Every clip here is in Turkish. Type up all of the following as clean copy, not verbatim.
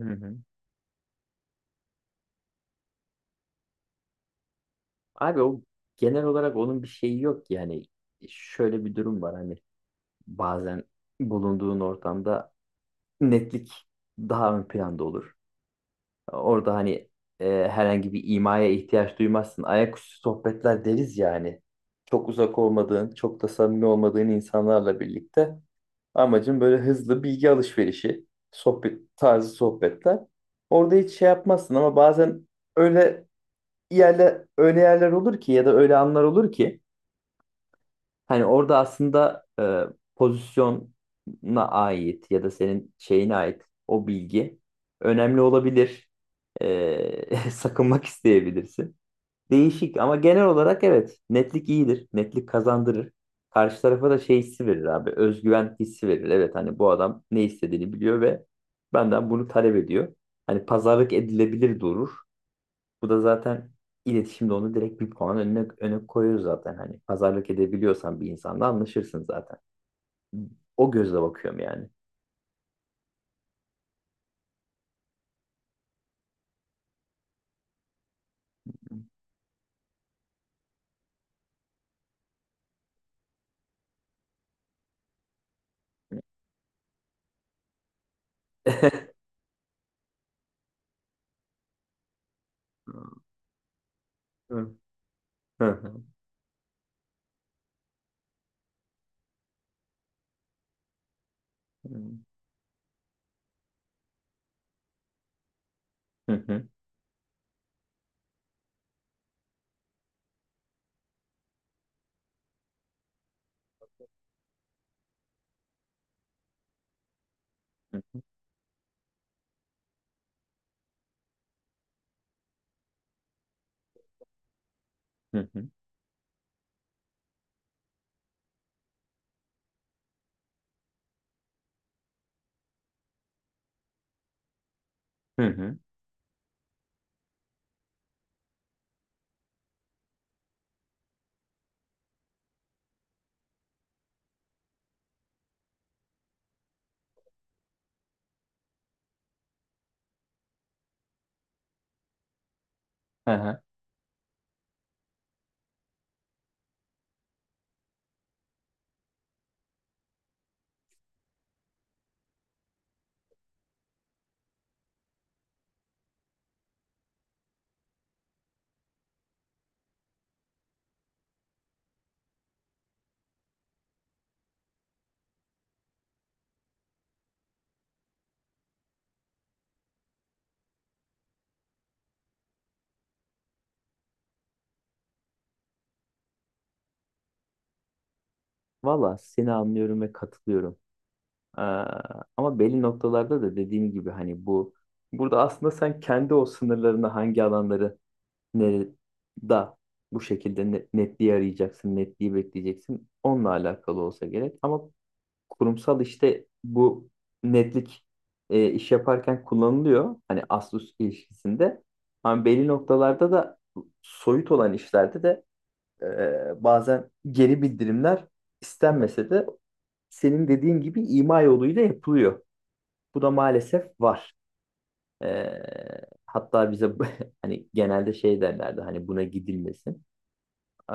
Hı hı. Abi o genel olarak onun bir şeyi yok yani şöyle bir durum var hani bazen bulunduğun ortamda netlik daha ön planda olur. Orada hani herhangi bir imaya ihtiyaç duymazsın. Ayaküstü sohbetler deriz ya hani. Çok uzak olmadığın, çok da samimi olmadığın insanlarla birlikte amacın böyle hızlı bilgi alışverişi, sohbet tarzı sohbetler. Orada hiç şey yapmazsın ama bazen öyle yerler öyle yerler olur ki ya da öyle anlar olur ki hani orada aslında pozisyona ait ya da senin şeyine ait o bilgi önemli olabilir. Sakınmak isteyebilirsin. Değişik ama genel olarak evet, netlik iyidir. Netlik kazandırır. Karşı tarafa da şey hissi verir abi. Özgüven hissi verir. Evet, hani bu adam ne istediğini biliyor ve benden bunu talep ediyor. Hani pazarlık edilebilir durur. Bu da zaten iletişimde onu direkt bir puan önüne, öne koyuyor zaten. Hani pazarlık edebiliyorsan bir insanla anlaşırsın zaten. O gözle bakıyorum yani. Valla seni anlıyorum ve katılıyorum. Ee, ama belli noktalarda da dediğim gibi hani bu burada aslında sen kendi o sınırlarını hangi alanları nere- da bu şekilde netliği arayacaksın, netliği bekleyeceksin. Onunla alakalı olsa gerek. Ama kurumsal işte bu netlik iş yaparken kullanılıyor. Hani Asus ilişkisinde. Ama belli noktalarda da soyut olan işlerde de bazen geri bildirimler istenmese de senin dediğin gibi ima yoluyla yapılıyor. Bu da maalesef var. E, hatta bize hani genelde şey derlerdi hani buna gidilmesin. Ee,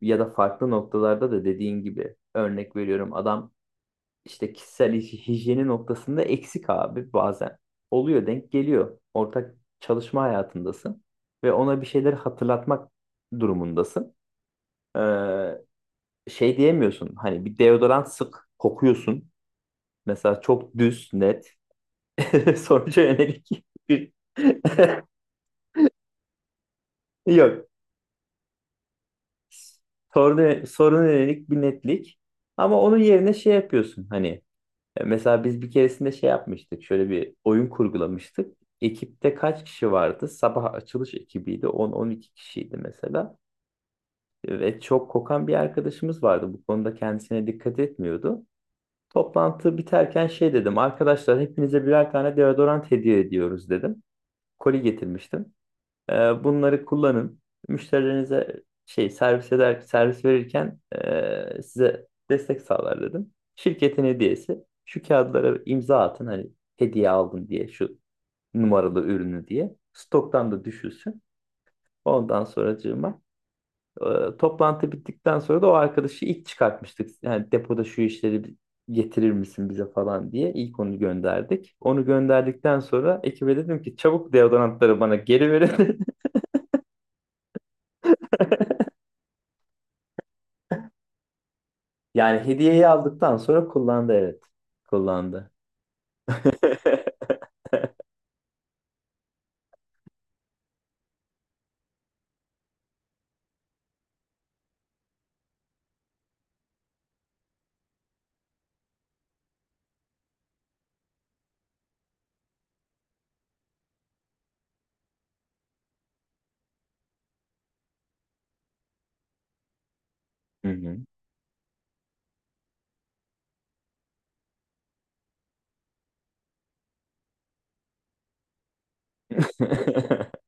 ya da farklı noktalarda da dediğin gibi örnek veriyorum, adam işte kişisel hijyeni noktasında eksik abi bazen. Oluyor, denk geliyor. Ortak çalışma hayatındasın ve ona bir şeyleri hatırlatmak durumundasın. Ee, şey diyemiyorsun hani bir deodorant sık kokuyorsun. Mesela çok düz net sonuca yönelik bir yok. Soruna, soruna yönelik bir netlik. Ama onun yerine şey yapıyorsun hani. Mesela biz bir keresinde şey yapmıştık. Şöyle bir oyun kurgulamıştık. Ekipte kaç kişi vardı? Sabah açılış ekibiydi. on iki kişiydi mesela. Ve çok kokan bir arkadaşımız vardı. Bu konuda kendisine dikkat etmiyordu. Toplantı biterken şey dedim. Arkadaşlar, hepinize birer tane deodorant hediye ediyoruz dedim. Koli getirmiştim. Bunları kullanın. Müşterilerinize şey servis verirken size destek sağlar dedim. Şirketin hediyesi, şu kağıtlara imza atın hani hediye aldım diye şu numaralı ürünü diye. Stoktan da düşülsün. Ondan sonracığıma e, toplantı bittikten sonra da o arkadaşı ilk çıkartmıştık. Yani depoda şu işleri getirir misin bize falan diye ilk onu gönderdik. Onu gönderdikten sonra ekibe dedim ki çabuk deodorantları bana geri verin. Yani hediyeyi aldıktan sonra kullandı, evet. Kullandı. Hı hı.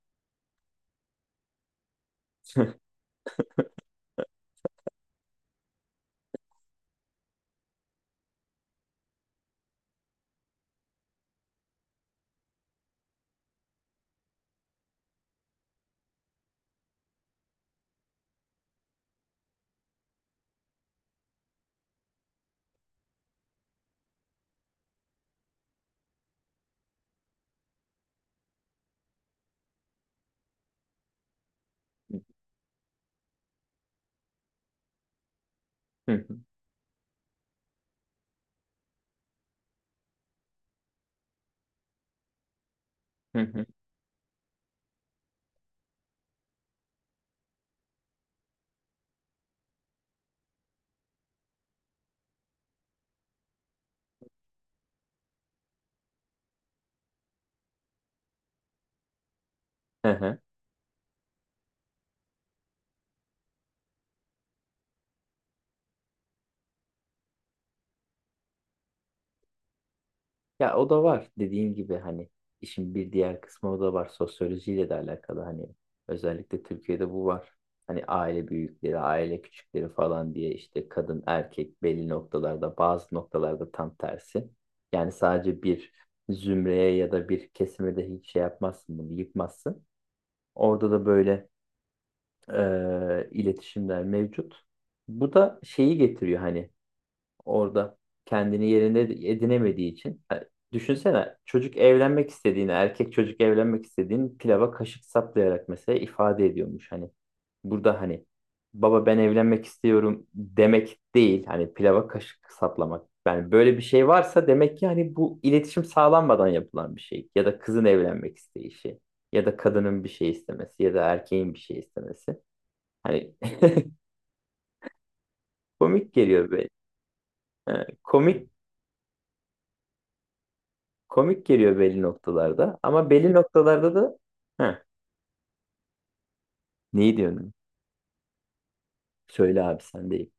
Hı hı. Hı hı. Hı hı. Ya o da var dediğin gibi hani işin bir diğer kısmı o da var, sosyolojiyle de alakalı hani özellikle Türkiye'de bu var. Hani aile büyükleri, aile küçükleri falan diye işte kadın erkek belli noktalarda, bazı noktalarda tam tersi. Yani sadece bir zümreye ya da bir kesime de hiç şey yapmazsın, bunu yıkmazsın. Orada da böyle iletişimler mevcut. Bu da şeyi getiriyor hani orada kendini yerine edinemediği için. Ha, düşünsene çocuk evlenmek istediğini, erkek çocuk evlenmek istediğini pilava kaşık saplayarak mesela ifade ediyormuş hani. Burada hani baba ben evlenmek istiyorum demek değil. Hani pilava kaşık saplamak. Yani böyle bir şey varsa demek ki hani bu iletişim sağlanmadan yapılan bir şey. Ya da kızın evlenmek isteyişi. Ya da kadının bir şey istemesi. Ya da erkeğin bir şey istemesi. Hani komik geliyor be. Ha, komik komik geliyor belli noktalarda ama belli noktalarda da ha, neyi diyorsun? Söyle abi, sen değil.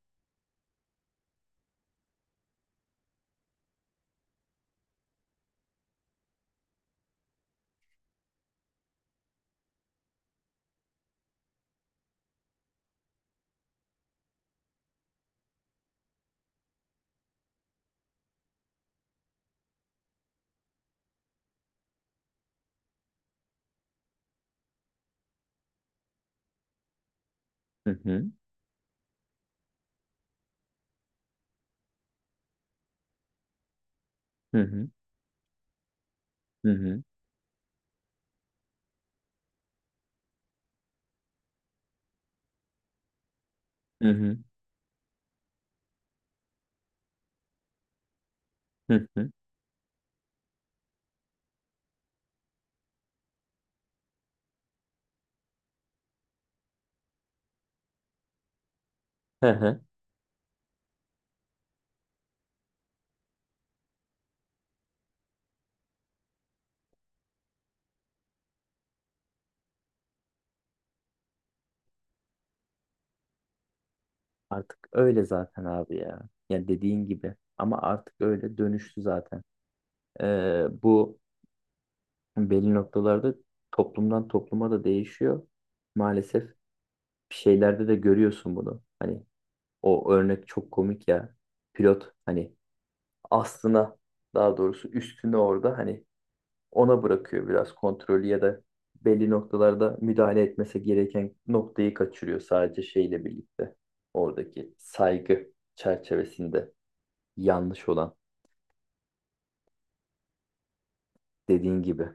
Hı hı, hı hı, hı hı, hı hı, hı hı. Hı hı. Artık öyle zaten abi ya. Yani dediğin gibi ama artık öyle dönüştü zaten. Bu belli noktalarda toplumdan topluma da değişiyor. Maalesef bir şeylerde de görüyorsun bunu. Hani o örnek çok komik ya. Pilot hani aslına, daha doğrusu üstüne orada hani ona bırakıyor biraz kontrolü ya da belli noktalarda müdahale etmesi gereken noktayı kaçırıyor sadece şeyle birlikte. Oradaki saygı çerçevesinde yanlış olan, dediğin gibi.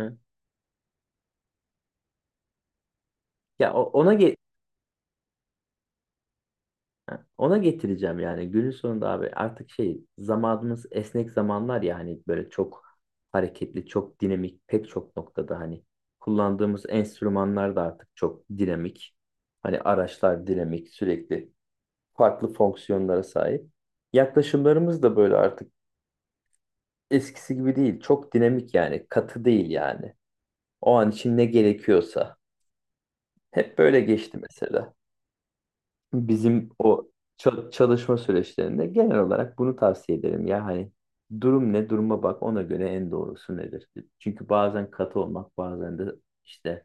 Ya o- ona ge- Ha, ona getireceğim yani günün sonunda abi artık şey, zamanımız esnek zamanlar ya hani böyle çok hareketli çok dinamik pek çok noktada hani kullandığımız enstrümanlar da artık çok dinamik, hani araçlar dinamik, sürekli farklı fonksiyonlara sahip, yaklaşımlarımız da böyle artık eskisi gibi değil, çok dinamik yani, katı değil yani, o an için ne gerekiyorsa hep böyle geçti mesela. Bizim o çalışma süreçlerinde genel olarak bunu tavsiye ederim. Ya hani durum ne, duruma bak ona göre en doğrusu nedir? Çünkü bazen katı olmak bazen de işte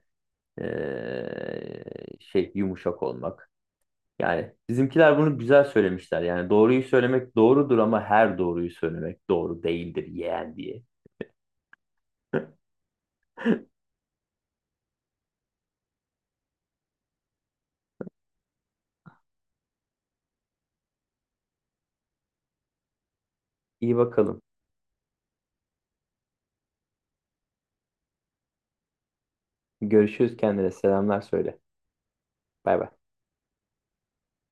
eee, şey, yumuşak olmak. Yani bizimkiler bunu güzel söylemişler. Yani doğruyu söylemek doğrudur ama her doğruyu söylemek doğru değildir yeğen diye. İyi bakalım. Görüşürüz, kendine. Selamlar söyle. Bay bay.